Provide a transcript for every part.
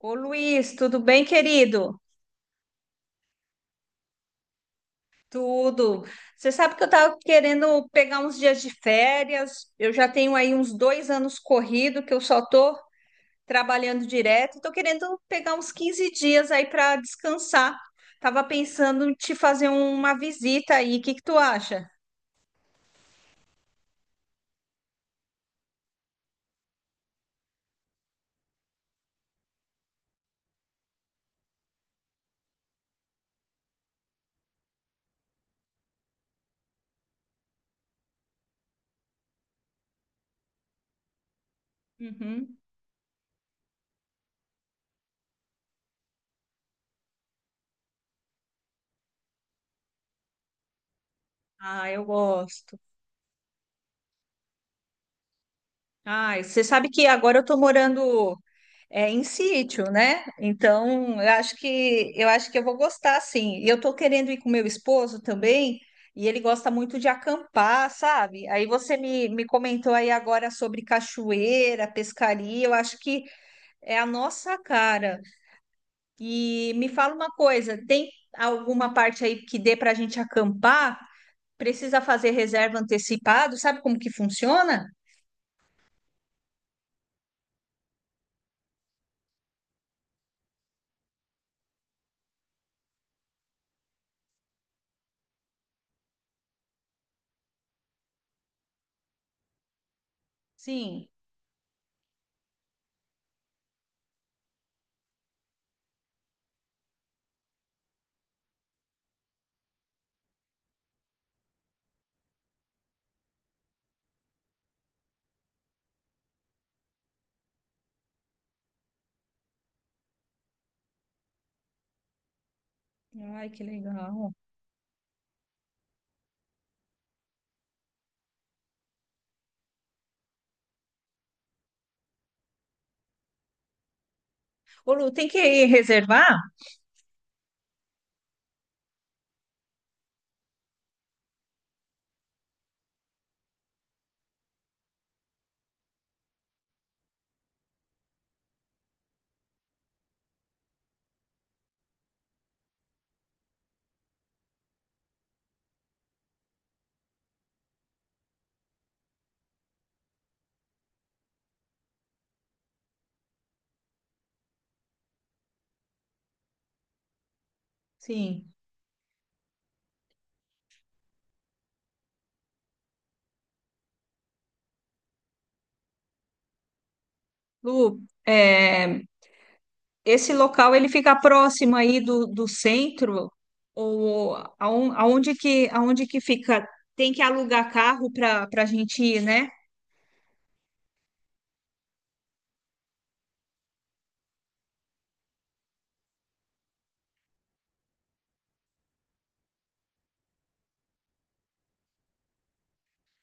Ô Luiz, tudo bem, querido? Tudo. Você sabe que eu estava querendo pegar uns dias de férias. Eu já tenho aí uns dois anos corrido que eu só estou trabalhando direto. Estou querendo pegar uns 15 dias aí para descansar. Tava pensando em te fazer uma visita aí. O que que tu acha? Uhum. Ah, eu gosto. Ah, você sabe que agora eu tô morando é em sítio, né? Então, eu acho que eu vou gostar sim. E eu tô querendo ir com meu esposo também, e ele gosta muito de acampar, sabe? Aí você me comentou aí agora sobre cachoeira, pescaria, eu acho que é a nossa cara. E me fala uma coisa, tem alguma parte aí que dê para a gente acampar? Precisa fazer reserva antecipado? Sabe como que funciona? Sim. Ai, que legal. Ô, Lu, tem que reservar? Sim. Lu, é, esse local ele fica próximo aí do centro ou aonde que fica? Tem que alugar carro para a gente ir, né?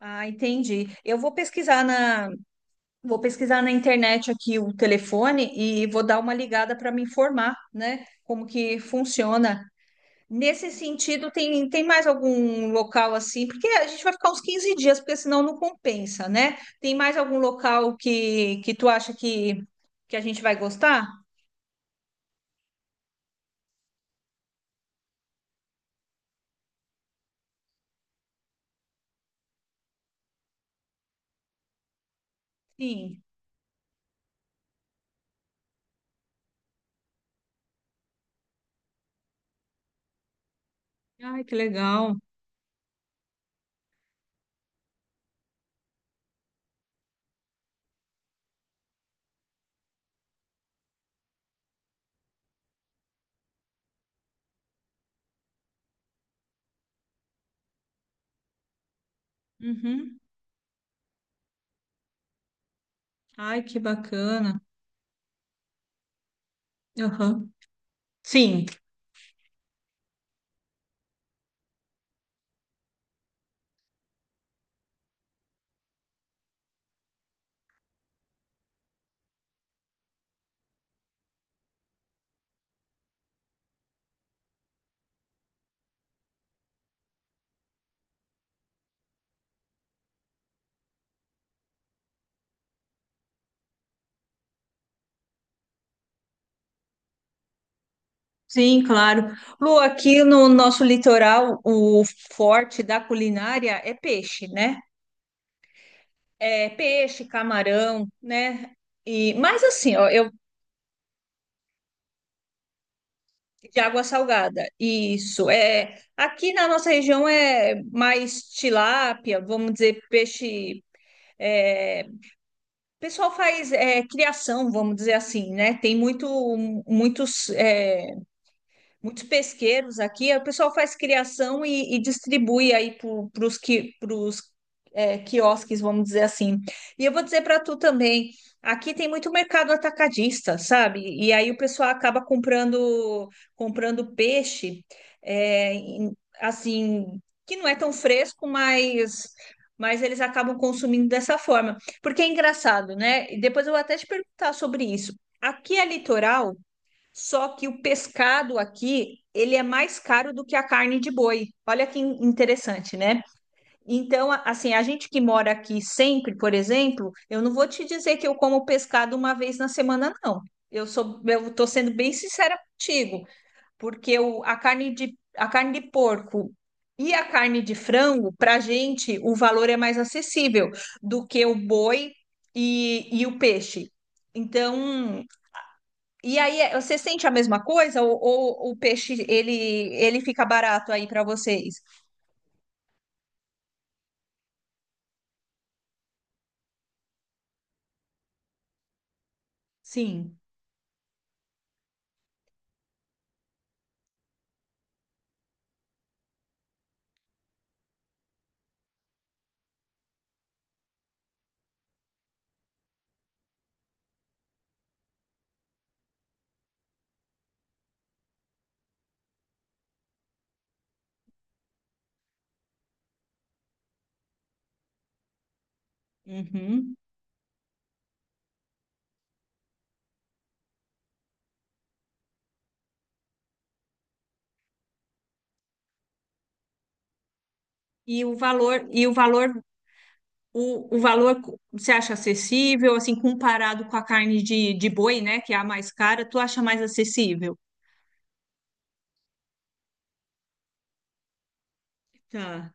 Ah, entendi. Eu vou pesquisar na Vou pesquisar na internet aqui o telefone e vou dar uma ligada para me informar, né? Como que funciona. Nesse sentido, tem mais algum local assim? Porque a gente vai ficar uns 15 dias, porque senão não compensa, né? Tem mais algum local que tu acha que a gente vai gostar? Sim. Ai, que legal. Uhum. Ai, que bacana. Aham. Sim, sim, claro. Lu, aqui no nosso litoral, o forte da culinária é peixe, né? É peixe, camarão, né? E, mas assim, ó, eu de água salgada, isso. É, aqui na nossa região é mais tilápia, vamos dizer, peixe. É, o pessoal faz é, criação, vamos dizer assim, né? Tem muito, muitos. É, muitos pesqueiros aqui, o pessoal faz criação e distribui aí para os que, pros, é, quiosques, vamos dizer assim. E eu vou dizer para tu também, aqui tem muito mercado atacadista, sabe? E aí o pessoal acaba comprando peixe, é, assim, que não é tão fresco, mas eles acabam consumindo dessa forma. Porque é engraçado, né? E depois eu vou até te perguntar sobre isso. Aqui é litoral, só que o pescado aqui, ele é mais caro do que a carne de boi. Olha que interessante, né? Então, assim, a gente que mora aqui sempre, por exemplo, eu não vou te dizer que eu como pescado uma vez na semana, não. Eu sou, eu tô sendo bem sincera contigo, porque o, a carne de porco e a carne de frango, para gente, o valor é mais acessível do que o boi e o peixe. Então, e aí, você sente a mesma coisa ou o peixe ele, ele fica barato aí para vocês? Sim. Uhum. E o valor, o, você acha acessível, assim, comparado com a carne de boi, né, que é a mais cara, tu acha mais acessível? Tá.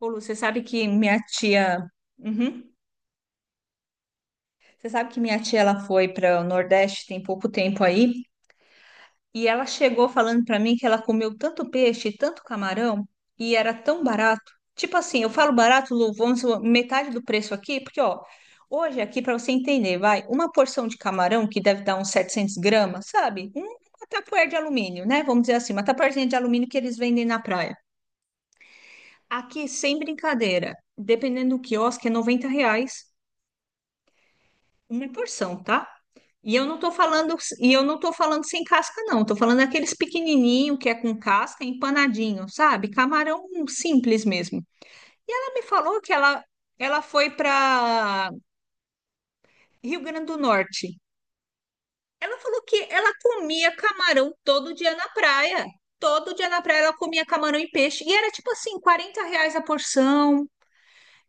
Ô, Lu, você sabe que minha tia. Uhum. Você sabe que minha tia ela foi para o Nordeste tem pouco tempo aí, e ela chegou falando pra mim que ela comeu tanto peixe, tanto camarão, e era tão barato. Tipo assim, eu falo barato, Lu, vamos supor, metade do preço aqui, porque ó, hoje aqui pra você entender, vai, uma porção de camarão que deve dar uns 700 gramas, sabe? Uma tapuér de alumínio, né? Vamos dizer assim, uma tapuérzinha de alumínio que eles vendem na praia. Aqui, sem brincadeira, dependendo do quiosque, é 90 reais. Uma porção, tá? E eu não tô falando sem casca, não. Tô falando aqueles pequenininho que é com casca, empanadinho, sabe? Camarão simples mesmo. Ela me falou que ela foi para Rio Grande do Norte. Ela falou que ela comia camarão todo dia na praia. Todo dia na praia ela comia camarão e peixe. E era tipo assim, 40 reais a porção.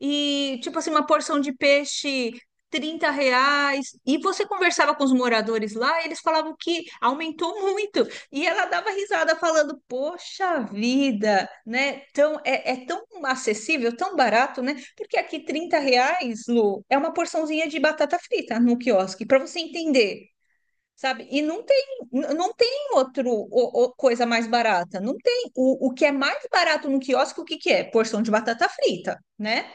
E, tipo assim, uma porção de peixe, 30 reais. E você conversava com os moradores lá, eles falavam que aumentou muito. E ela dava risada falando, poxa vida, né? Tão, é, é tão acessível, tão barato, né? Porque aqui 30 reais, Lu, é uma porçãozinha de batata frita no quiosque, para você entender. Sabe? E não tem, não tem outro coisa mais barata. Não tem. O que é mais barato no quiosque, o que que é? Porção de batata frita, né?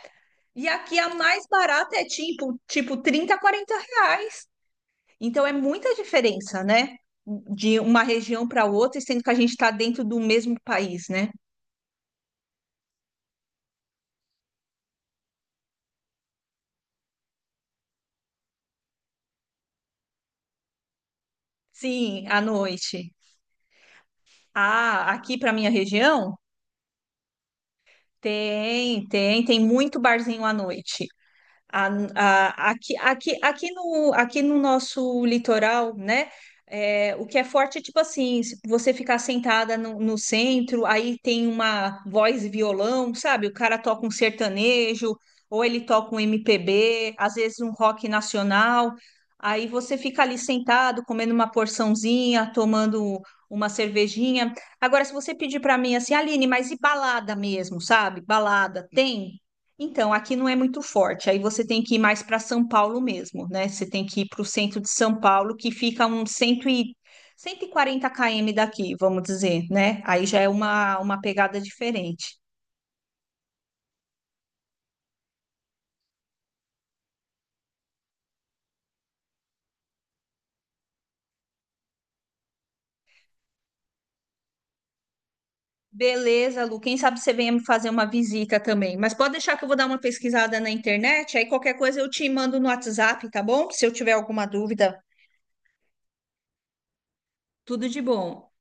E aqui a mais barata é tipo, tipo 30 40 reais. Então é muita diferença, né? De uma região para outra, sendo que a gente está dentro do mesmo país, né? Sim, à noite. Ah, aqui para minha região tem muito barzinho à noite. A- aqui no nosso litoral, né? É, o que é forte é tipo assim, se você ficar sentada no, no centro, aí tem uma voz e violão, sabe? O cara toca um sertanejo, ou ele toca um MPB, às vezes um rock nacional. Aí você fica ali sentado, comendo uma porçãozinha, tomando uma cervejinha. Agora, se você pedir para mim assim, Aline, mas e balada mesmo, sabe? Balada, tem? Então, aqui não é muito forte. Aí você tem que ir mais para São Paulo mesmo, né? Você tem que ir para o centro de São Paulo, que fica uns 100 e... 140 km daqui, vamos dizer, né? Aí já é uma pegada diferente. Beleza, Lu. Quem sabe você venha me fazer uma visita também. Mas pode deixar que eu vou dar uma pesquisada na internet. Aí qualquer coisa eu te mando no WhatsApp, tá bom? Se eu tiver alguma dúvida, tudo de bom.